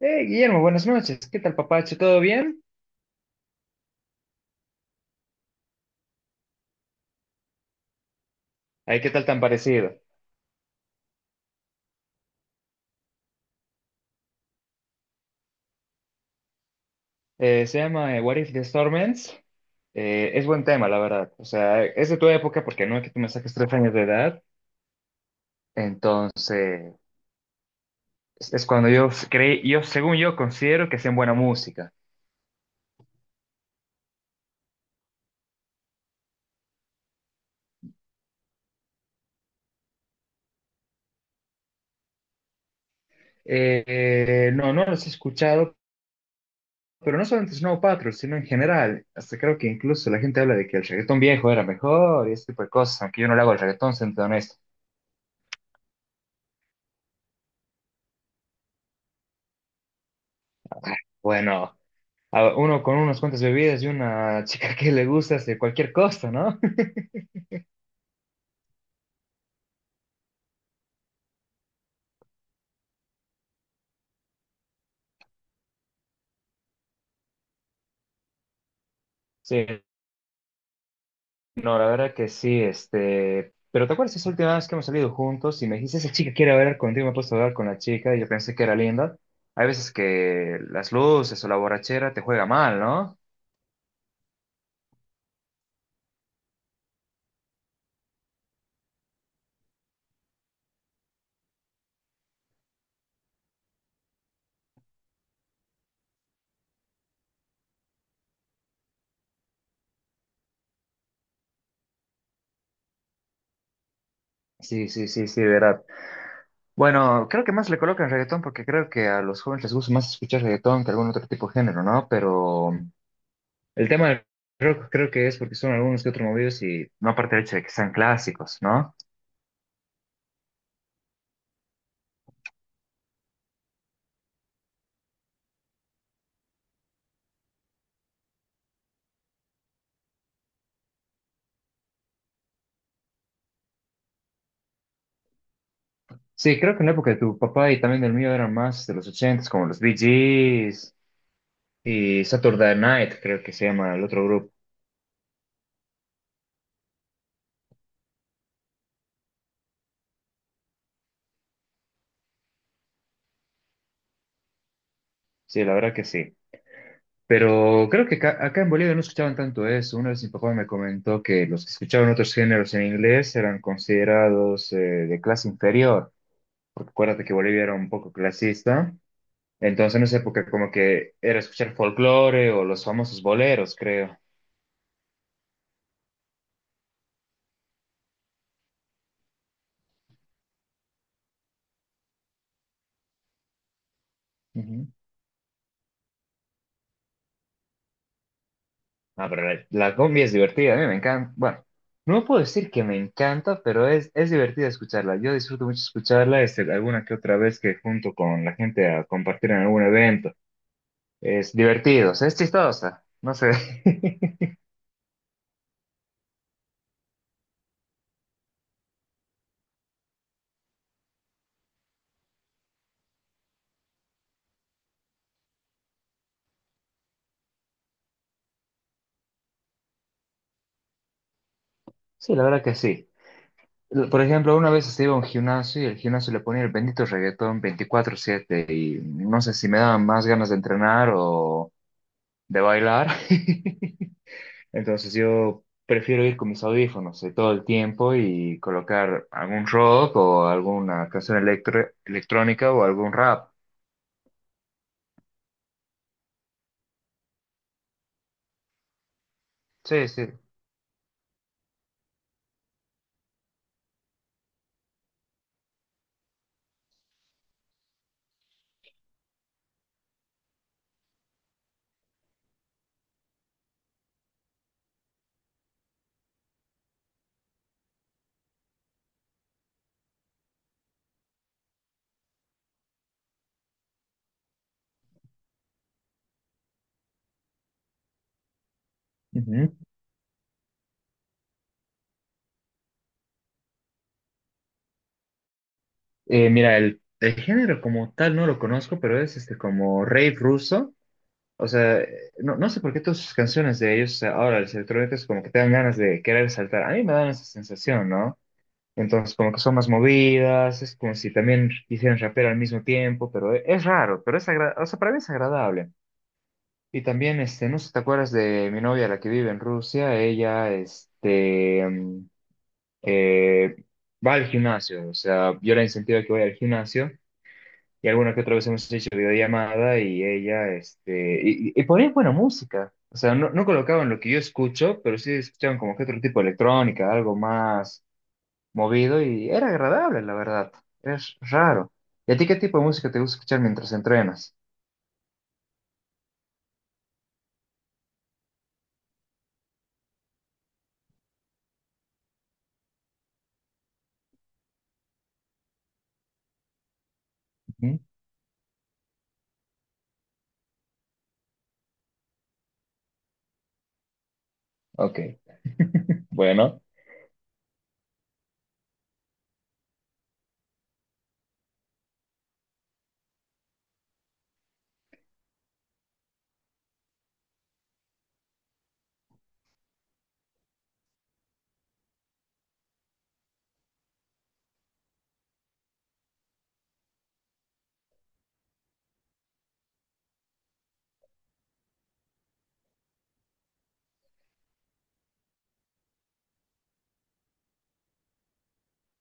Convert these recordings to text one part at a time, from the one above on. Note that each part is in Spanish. Guillermo, buenas noches. ¿Qué tal, papacho? ¿Todo bien? Ay, ¿qué tal tan parecido? Se llama What If the Storm Ends. Es buen tema, la verdad. O sea, es de tu época porque no es que tú me saques tres años de edad. Entonces, es cuando yo creí, yo, según yo, considero que hacen buena música. No, no los he escuchado, pero no solamente Snow Patrol, sino en general. Hasta creo que incluso la gente habla de que el reggaetón viejo era mejor y ese tipo de cosas, aunque yo no le hago el reggaetón, siendo honesto. Bueno, a uno con unas cuantas bebidas y una chica que le gusta este, cualquier costo, ¿no? Sí, no, la verdad que sí, este, pero ¿te acuerdas esa última vez que hemos salido juntos y me dijiste, esa chica quiere hablar contigo, me he puesto a hablar con la chica y yo pensé que era linda? Hay veces que las luces o la borrachera te juega mal, ¿no? Sí, sí, sí, sí, verdad. Bueno, creo que más le colocan reggaetón porque creo que a los jóvenes les gusta más escuchar reggaetón que algún otro tipo de género, ¿no? Pero el tema del rock creo que es porque son algunos que otros movidos y no aparte del hecho de que sean clásicos, ¿no? Sí, creo que en la época de tu papá y también del mío eran más de los ochentas, como los Bee Gees y Saturday Night, creo que se llama el otro grupo. Sí, la verdad que sí. Pero creo que acá en Bolivia no escuchaban tanto eso. Una vez mi papá me comentó que los que escuchaban otros géneros en inglés eran considerados de clase inferior, porque acuérdate que Bolivia era un poco clasista. Entonces, en esa época como que era escuchar folclore o los famosos boleros, creo. Ujú. Ah, pero la cumbia es divertida, a mí me encanta. Bueno, no puedo decir que me encanta, pero es divertida escucharla. Yo disfruto mucho escucharla, este, alguna que otra vez que junto con la gente a compartir en algún evento. Es divertido, o sea, es chistosa, no sé. Sí, la verdad que sí. Por ejemplo, una vez se iba a un gimnasio y el gimnasio le ponía el bendito reggaetón 24/7 y no sé si me daban más ganas de entrenar o de bailar. Entonces yo prefiero ir con mis audífonos todo el tiempo y colocar algún rock o alguna canción electrónica o algún rap. Sí, sí. Ujú. Mira, el género como tal no lo conozco, pero es este como rave ruso. O sea, no, no sé por qué todas sus canciones de ellos ahora, las electrónicas, como que te dan ganas de querer saltar. A mí me dan esa sensación, ¿no? Entonces, como que son más movidas, es como si también hicieran rapero al mismo tiempo, pero es raro, pero es agradable, o sea, para mí es agradable. Y también, este, no sé si te acuerdas de mi novia, la que vive en Rusia, ella, este, eh, va al gimnasio, o sea, yo la incentivo a que vaya al gimnasio, y alguna que otra vez hemos hecho videollamada, y ella, este, y ponía buena música, o sea, no, no colocaban lo que yo escucho, pero sí escuchaban como que otro tipo de electrónica, algo más movido y era agradable, la verdad. Es raro. ¿Y a ti qué tipo de música te gusta escuchar mientras entrenas? Ujú. Ok, bueno,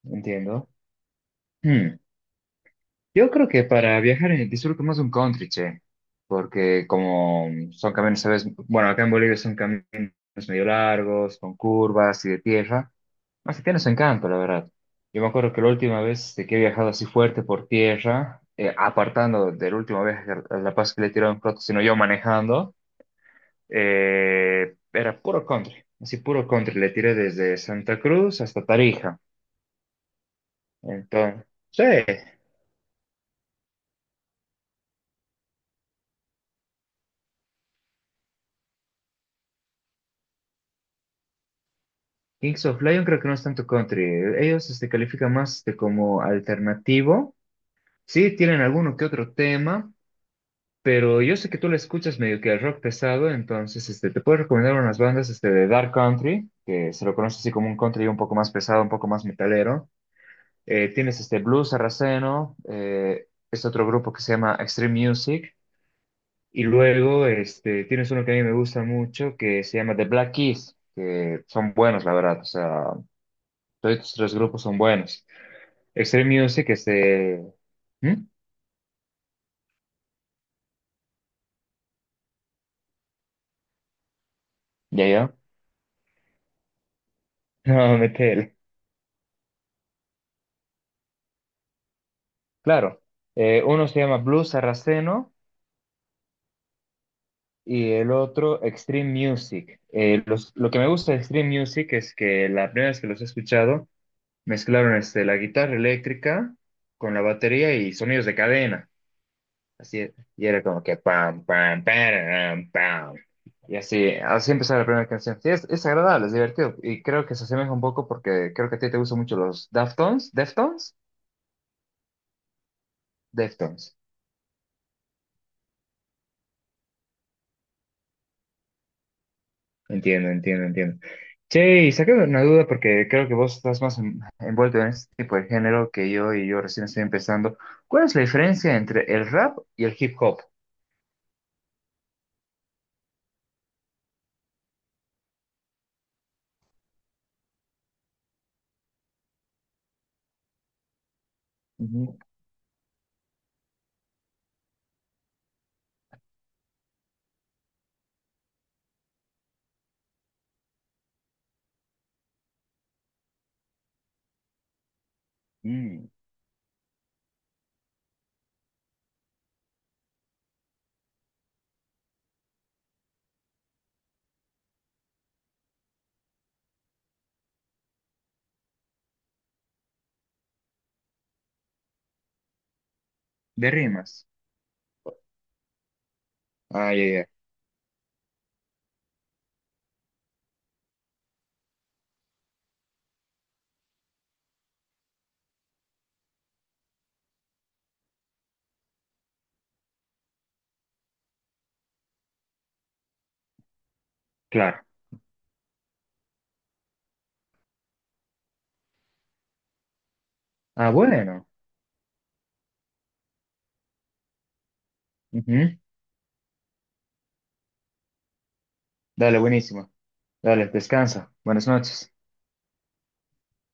entiendo. Hmm, yo creo que para viajar disfruto más un country, che, porque como son caminos, ¿sabes? Bueno, acá en Bolivia son caminos medio largos, con curvas y de tierra. Así tiene su encanto, la verdad. Yo me acuerdo que la última vez de que he viajado así fuerte por tierra, apartando del último viaje a La Paz que le tiraron un plato, sino yo manejando. Era puro country, así puro country. Le tiré desde Santa Cruz hasta Tarija. Entonces, sí, Kings of Leon creo que no es tanto country. Ellos este, califican más de como alternativo. Sí, tienen alguno que otro tema, pero yo sé que tú le escuchas medio que el rock pesado, entonces este, te puedo recomendar unas bandas este, de Dark Country, que se lo conoce así como un country un poco más pesado, un poco más metalero. Tienes este Blues Sarraceno, es otro grupo que se llama Extreme Music. Y luego este, tienes uno que a mí me gusta mucho que se llama The Black Keys, que son buenos, la verdad. O sea, todos estos tres grupos son buenos. Extreme Music, este. ¿Mm? ¿Ya, ya? No, metele. Claro. Uno se llama Blues Sarraceno y el otro Extreme Music. Lo que me gusta de Extreme Music es que la primera vez que los he escuchado, mezclaron este, la guitarra eléctrica con la batería y sonidos de cadena. Así, y era como que pam, pam, pam, pam. Y así, así empezaba la primera canción. Sí, es agradable, es divertido. Y creo que se asemeja un poco porque creo que a ti te gustan mucho los Deftones. ¿Deftones? Deftones. Entiendo, entiendo, entiendo. Che, y saqué una duda porque creo que vos estás más envuelto en este tipo de género que yo y yo recién estoy empezando. ¿Cuál es la diferencia entre el rap y el hip hop? Ujú. Mm, de rimas. Ah, ya, ya. Claro. Ah, bueno. Ujú. Dale, buenísimo. Dale, pues, descansa. Buenas noches.